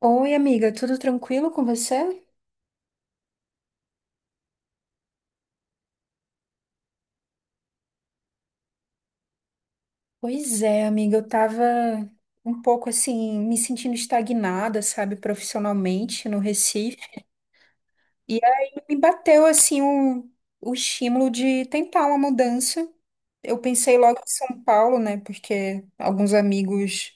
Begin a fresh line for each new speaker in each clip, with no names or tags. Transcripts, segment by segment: Oi, amiga, tudo tranquilo com você? Pois é, amiga, eu tava um pouco assim, me sentindo estagnada, sabe, profissionalmente no Recife. E aí me bateu assim o estímulo de tentar uma mudança. Eu pensei logo em São Paulo, né, porque alguns amigos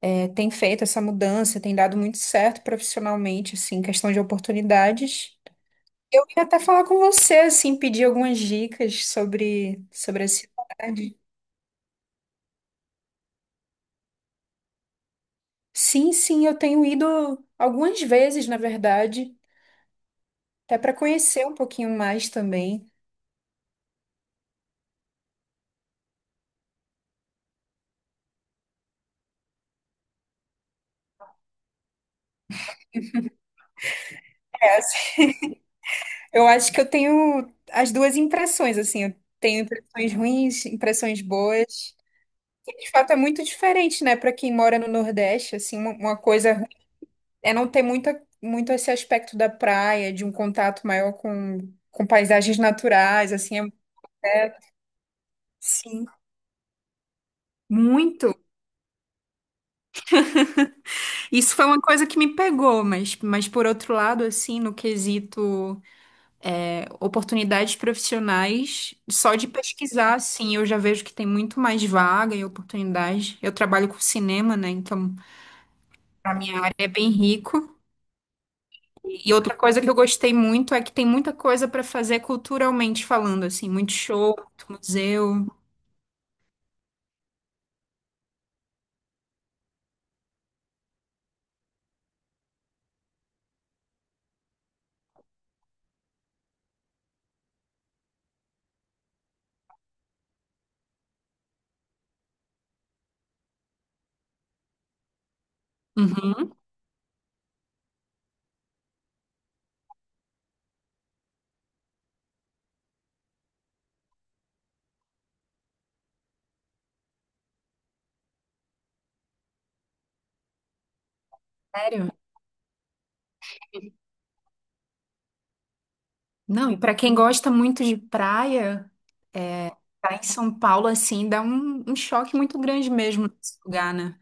têm feito essa mudança, tem dado muito certo profissionalmente, assim, questão de oportunidades. Eu ia até falar com você, assim, pedir algumas dicas sobre a cidade. Sim, sim, eu tenho ido algumas vezes, na verdade, até para conhecer um pouquinho mais também. É, assim, eu acho que eu tenho as duas impressões, assim, eu tenho impressões ruins, impressões boas. E, de fato, é muito diferente, né, para quem mora no Nordeste, assim, uma coisa ruim é não ter muita, muito esse aspecto da praia, de um contato maior com paisagens naturais, assim, é, é- sim. Muito. Isso foi uma coisa que me pegou, mas por outro lado, assim, no quesito oportunidades profissionais só de pesquisar, assim, eu já vejo que tem muito mais vaga e oportunidades. Eu trabalho com cinema, né? Então, a minha área é bem rico. E outra coisa que eu gostei muito é que tem muita coisa para fazer culturalmente falando, assim, muito show, muito museu. Uhum. Sério? Não, e para quem gosta muito de praia, é, tá em São Paulo, assim, dá um choque muito grande mesmo nesse lugar, né?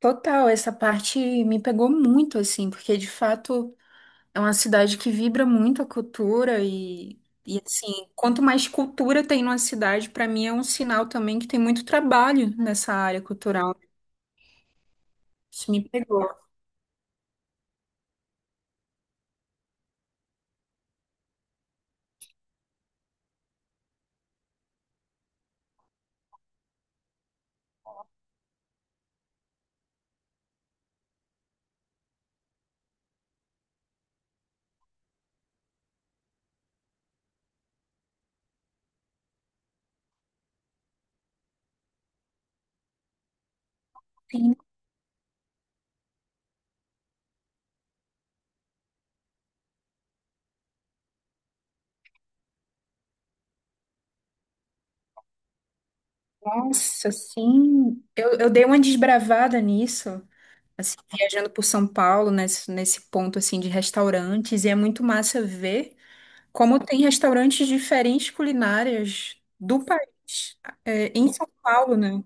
Total, essa parte me pegou muito, assim, porque de fato é uma cidade que vibra muito a cultura e assim, quanto mais cultura tem numa cidade, pra mim é um sinal também que tem muito trabalho nessa área cultural. Isso me pegou. Sim, nossa, sim, eu dei uma desbravada nisso, assim, viajando por São Paulo, nesse ponto, assim, de restaurantes, e é muito massa ver como tem restaurantes diferentes culinárias do país. Em São Paulo, né?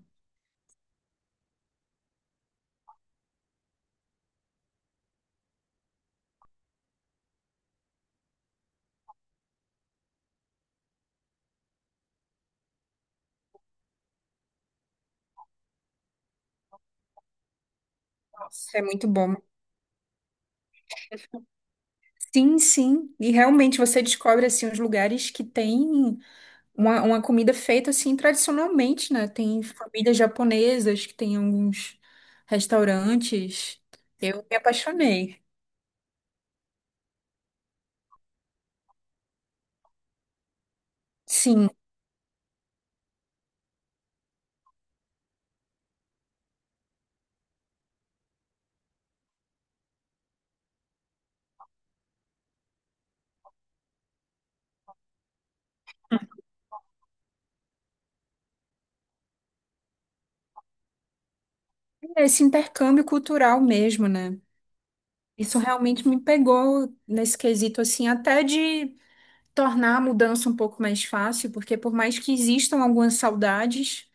Nossa, é muito bom. Sim, sim. E realmente você descobre assim os lugares que tem uma comida feita assim tradicionalmente, né? Tem famílias japonesas que tem alguns restaurantes. Eu me apaixonei. Sim, esse intercâmbio cultural mesmo, né? Isso realmente me pegou nesse quesito assim, até de tornar a mudança um pouco mais fácil, porque por mais que existam algumas saudades,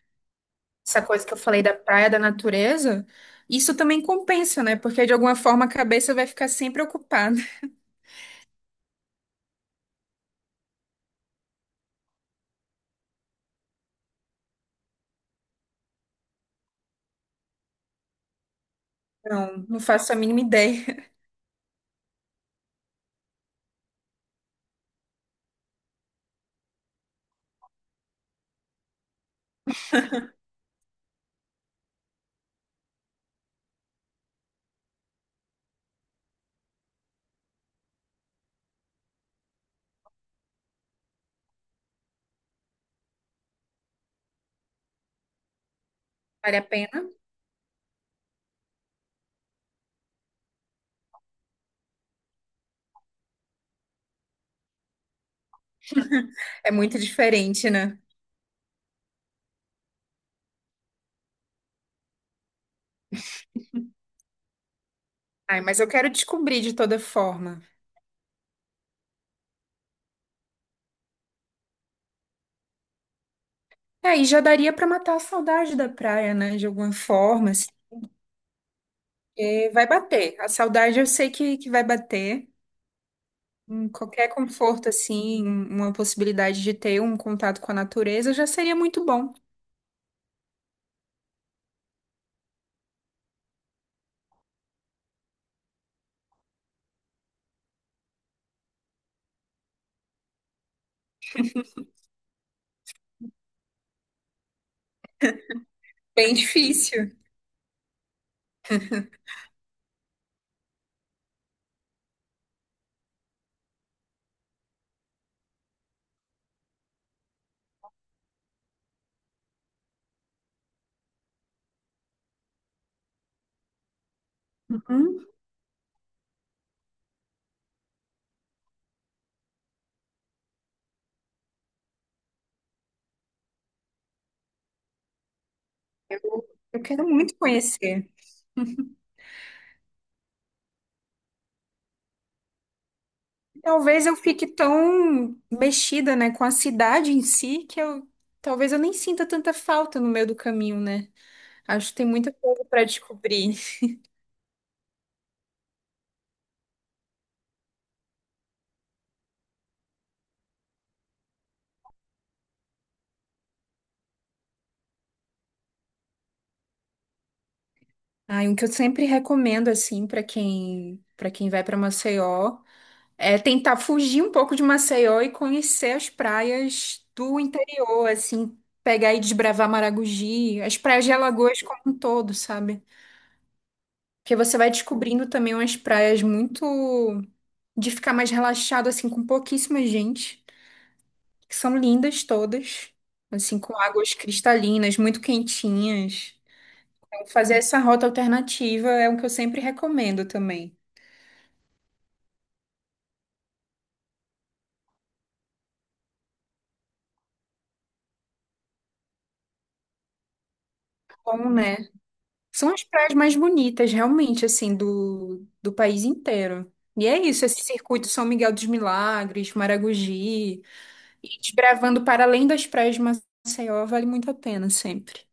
essa coisa que eu falei da praia, da natureza, isso também compensa, né? Porque de alguma forma a cabeça vai ficar sempre ocupada. Não, não faço a mínima ideia. Vale a pena? É muito diferente, né? Ai, mas eu quero descobrir de toda forma. É, e já daria pra matar a saudade da praia, né? De alguma forma, assim, porque vai bater. A saudade eu sei que vai bater. Qualquer conforto, assim, uma possibilidade de ter um contato com a natureza já seria muito bom. Bem difícil. Uhum. Eu quero muito conhecer. Talvez eu fique tão mexida, né, com a cidade em si, que eu talvez eu nem sinta tanta falta no meio do caminho, né? Acho que tem muita coisa para descobrir. Ah, e um que eu sempre recomendo assim para quem vai para Maceió é tentar fugir um pouco de Maceió e conhecer as praias do interior, assim, pegar e desbravar Maragogi, as praias de Alagoas como um todo, sabe? Porque você vai descobrindo também umas praias muito de ficar mais relaxado, assim, com pouquíssima gente, que são lindas todas, assim, com águas cristalinas, muito quentinhas. Então, fazer essa rota alternativa é o que eu sempre recomendo também. Bom, né? São as praias mais bonitas, realmente, assim, do país inteiro. E é isso, esse circuito São Miguel dos Milagres, Maragogi, e desbravando para além das praias de Maceió, vale muito a pena sempre.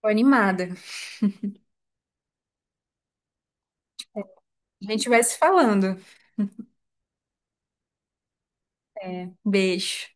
Tô animada. A gente vai se falando. É, beijo.